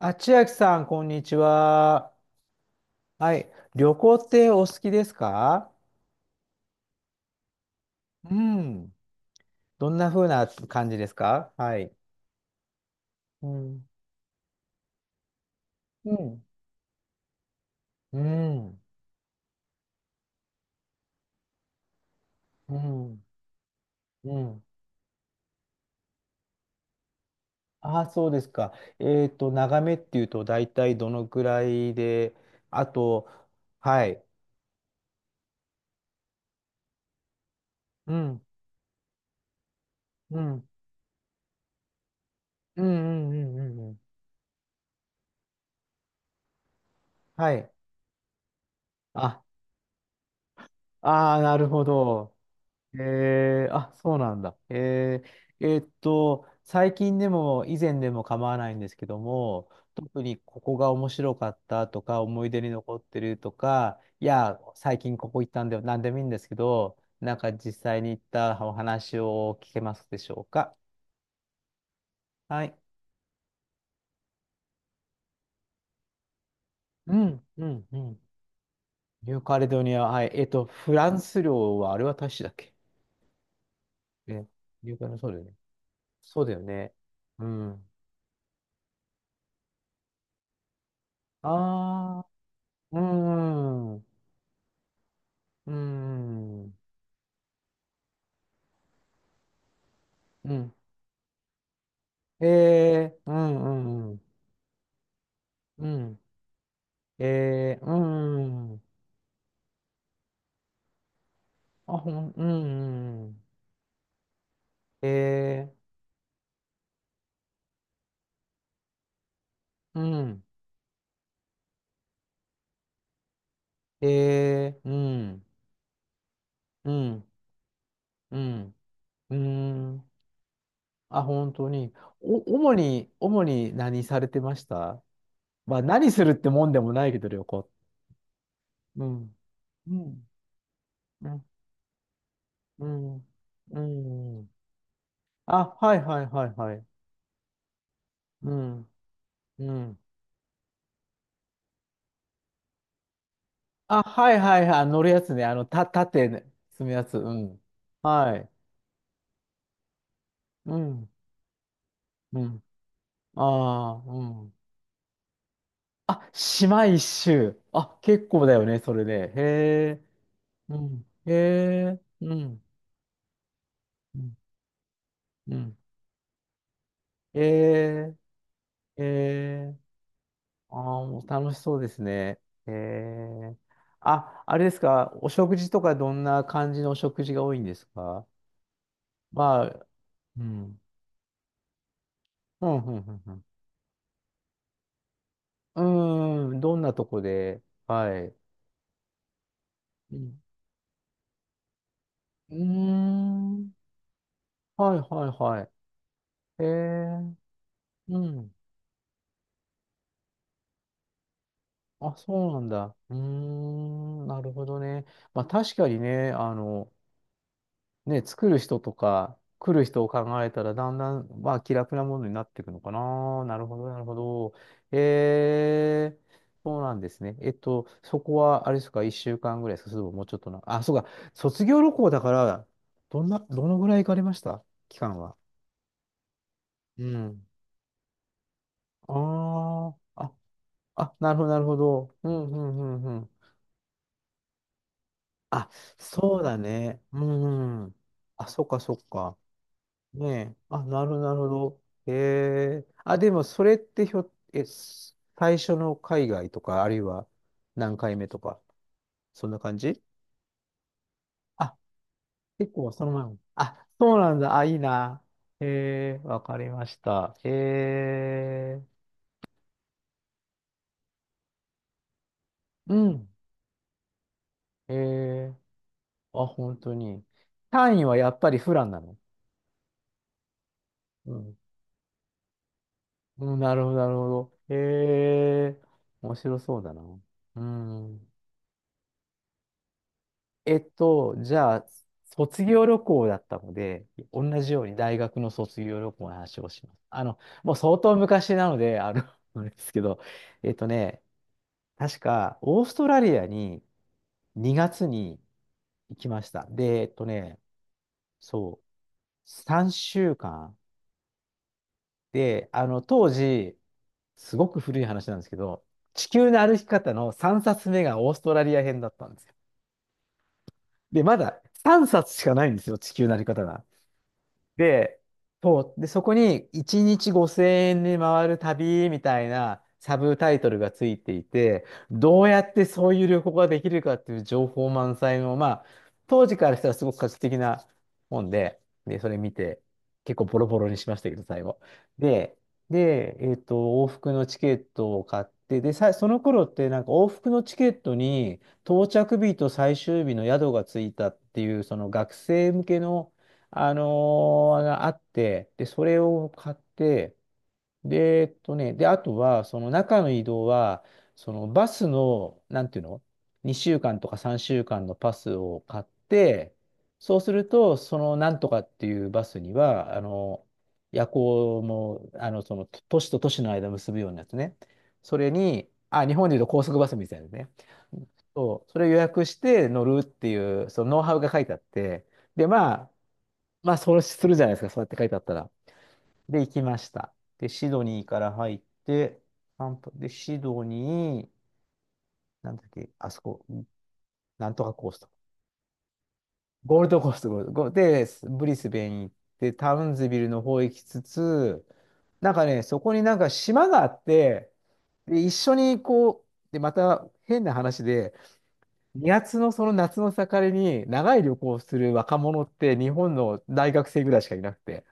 あ、千秋さん、こんにちは。はい。旅行ってお好きですか？うん。どんな風な感じですか？はい。うん。うん。うん。うん。うん。ああ、そうですか。眺めっていうと、大体どのくらいで、あと、はい。うん。うん。うん。うん。うん。うん。うん。はい。あ、ああ、なるほど。あ、そうなんだ。最近でも以前でも構わないんですけども、特にここが面白かったとか、思い出に残ってるとか、いや、最近ここ行ったんだよ、なんでもいいんですけど、なんか実際に行ったお話を聞けますでしょうか。はい。うん、うん、うん。ニューカレドニア、はい。フランス領はあれは大使だっけ？ね、ニューカレドニア、そうだよね。そうだよね。うん。ああ、うん。うーん。うん。うん、うん、うん。うん。うん。うん。あ、ほん、うん、うん。えうん。うん。うん。うん。うーん。あ、本当に。お、主に何されてました？まあ、何するってもんでもないけど、旅行。うん。うん。うん。うん。うん。あ、はいはいはいはい。うん。うん。あ、はいはいはい。乗るやつね。あの、た、縦ね、積むやつ。うん。はい。うん。うん。ああ、うん。あ、島一周。あ、結構だよね、それで。へえ。うん。へえ。うん。うん。うん。へえ。へえ。ああ、もう楽しそうですね。へえ。あ、あれですか。お食事とかどんな感じのお食事が多いんですか？まあ、うん。うん、うん、うん。うん。うーん、どんなとこで、はい。うん。うーん。はいはいはい。へえ。うん。あ、そうなんだ。うーん。なるほどね。まあ確かにね、ね、作る人とか、来る人を考えたら、だんだん、まあ、気楽なものになっていくのかな。なるほど、なるほど。えー、そうなんですね。そこは、あれですか、1週間ぐらいですか、それとももうちょっとな。あ、そうか、卒業旅行だから、どんな、どのぐらい行かれました？期間は。うん。ああ、あ、あ、なるほど、なるほど。うん、うん、うん、うん。あ、そうだね。うん。うん。あ、そっか、そっか。ねえ。あ、なるほど、なるほど。へえ。あ、でも、それってひょ、え、す最初の海外とか、あるいは何回目とか、そんな感じ？あ、結構その前も。あ、そうなんだ。あ、いいな。へえ、わかりました。へえ。うん。へえ。あ、本当に。単位はやっぱりフランなの？うん。うん、なるほど、なるほど。へえ。面白そうだな。うん。じゃあ、卒業旅行だったので、同じように大学の卒業旅行の話をします。もう相当昔なので、あれですけど、えっとね、確か、オーストラリアに2月に行きました。で、えっとね、そう、3週間。で、当時、すごく古い話なんですけど、地球の歩き方の3冊目がオーストラリア編だったんですよ。で、まだ3冊しかないんですよ、地球の歩き方が。で、そう。で、そこに1日5000円で回る旅みたいなサブタイトルがついていて、どうやってそういう旅行ができるかっていう情報満載の、まあ、当時からしたらすごく画期的な本で、で、それ見て、結構ボロボロにしましたけど、最後。で、で、往復のチケットを買って、で、さ、その頃ってなんか往復のチケットに到着日と最終日の宿がついたっていう、その学生向けのあって、で、それを買って、で、えっとね、で、あとは、その中の移動は、そのバスの、なんていうの？ 2 週間とか3週間のパスを買って、そうすると、そのなんとかっていうバスには、夜行も、その都市と都市の間を結ぶようなやつね。それに、あ、日本でいうと高速バスみたいなね。そう、それを予約して乗るっていう、そのノウハウが書いてあって、で、まあ、まあ、そうするじゃないですか、そうやって書いてあったら。で、行きました。で、シドニーから入って、散歩で、シドニー、なんだっけ、あそこ、なんとかコースト。ゴールドコースト、ゴールド。ゴーで、ブリスベン行って、タウンズビルの方行きつつ、なんかね、そこになんか島があって、で、一緒にこう、で、また変な話で、2月のその夏の盛りに長い旅行をする若者って日本の大学生ぐらいしかいなくて、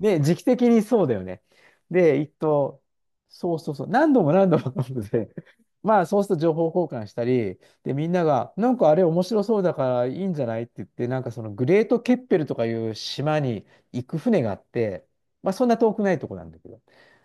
で、時期的にそうだよね。で、そう、何度も何度も飲んで、まあそうすると情報交換したり、で、みんなが、なんかあれ面白そうだからいいんじゃないって言って、なんかそのグレートケッペルとかいう島に行く船があって、まあそんな遠くないとこなんだけど。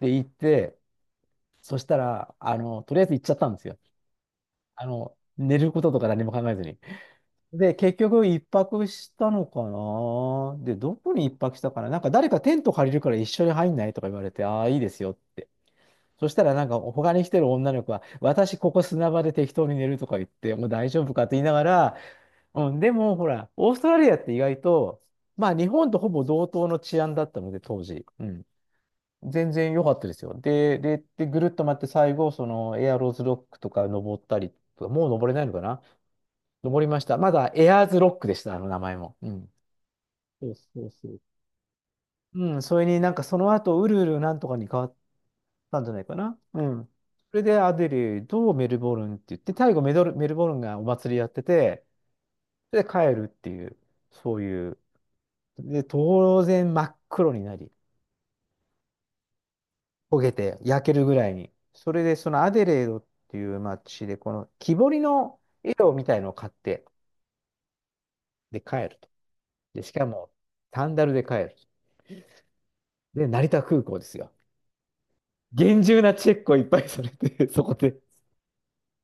で、行って、そしたら、とりあえず行っちゃったんですよ。寝ることとか何も考えずに。で、結局一泊したのかな。で、どこに一泊したかな。なんか誰かテント借りるから一緒に入んないとか言われて、ああ、いいですよって。そしたらなんか他に来てる女の子は、私ここ砂場で適当に寝るとか言って、もう大丈夫かって言いながら、うん、でもほら、オーストラリアって意外と、まあ日本とほぼ同等の治安だったので、当時。うん。全然良かったですよ。で、で、で、ぐるっと回って最後、そのエアローズロックとか登ったりとか、もう登れないのかな？登りました。まだエアーズロックでした、あの名前も。うん。そうそうそう。うん、それになんかその後、ウルウルなんとかに変わったんじゃないかな。うん。それでアデレード、メルボルンって言って、最後メドル、メルボルンがお祭りやってて、で、帰るっていう、そういう。で、当然真っ黒になり、焦げて焼けるぐらいに。それで、そのアデレードっていう街で、この木彫りの絵をみたいのを買って、で、帰ると。で、しかも、サンダルで帰る。で、成田空港ですよ。厳重なチェックをいっぱいされて、そこで。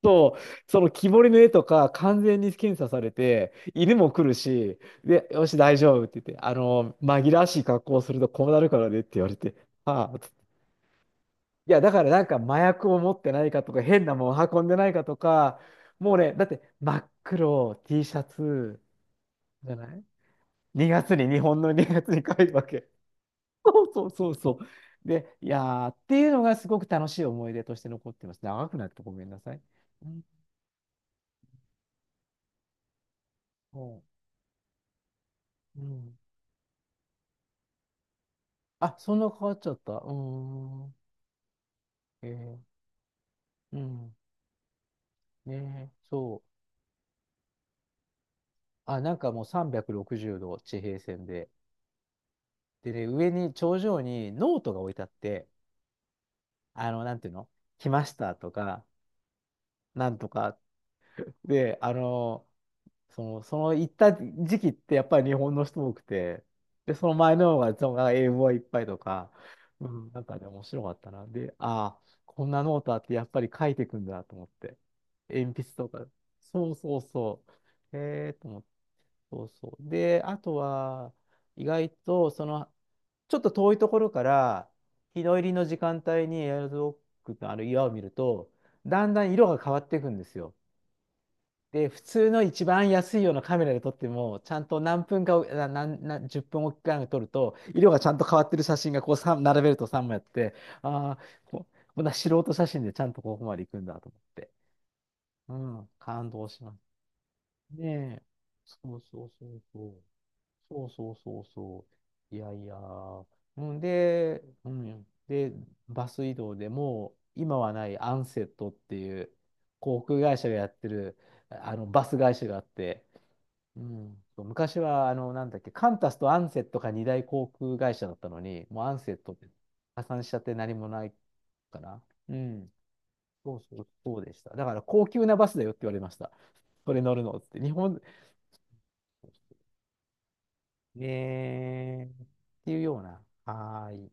そう、その木彫りの絵とか完全に検査されて、犬も来るし、で、よし、大丈夫って言って、紛らわしい格好をするとこうなるからねって言われて、ああ、いや、だからなんか麻薬を持ってないかとか、変なもん運んでないかとか、もうね、だって真っ黒 T シャツじゃない？ 2 月に、日本の2月に帰るわけ。そうそうそうそう。で、いやーっていうのがすごく楽しい思い出として残ってますね。長くなってごめんなさい。うん。そう。うん、あ、そんな変わっちゃった。うーん。えー、うん。ねえ、そう。あ、なんかもう360度地平線で。でね、上に、頂上にノートが置いてあって、なんていうの？来ましたとか、なんとか。で、その行った時期ってやっぱり日本の人多くて、で、その前の方がその英語がいっぱいとか、うん、なんかね、面白かったな。で、ああ、こんなノートあってやっぱり書いていくんだと思って。鉛筆とか。そうそうそう。ええと思って、そうそう。で、あとは、意外と、ちょっと遠いところから、日の入りの時間帯にエアロゾックのあの岩を見ると、だんだん色が変わっていくんですよ。で、普通の一番安いようなカメラで撮っても、ちゃんと何分かお、な、な、な、10分おきかに撮ると、色がちゃんと変わってる写真がこうさん並べると3枚あって、ああ、こ、こんな素人写真でちゃんとここまで行くんだと思って。うん、感動します。ねえ。そうそうそうそう。そうそうそうそう。いやいや。うん。で、うん。で、バス移動でもう、今はないアンセットっていう航空会社がやってる、バス会社があって、うん、そう昔は、なんだっけ、カンタスとアンセットが二大航空会社だったのに、もうアンセットって破産しちゃって何もないから。うん。そうそう、そうでした。だから、高級なバスだよって言われました。それ乗るのっつって。日本、ねえ。っていうような。はーい。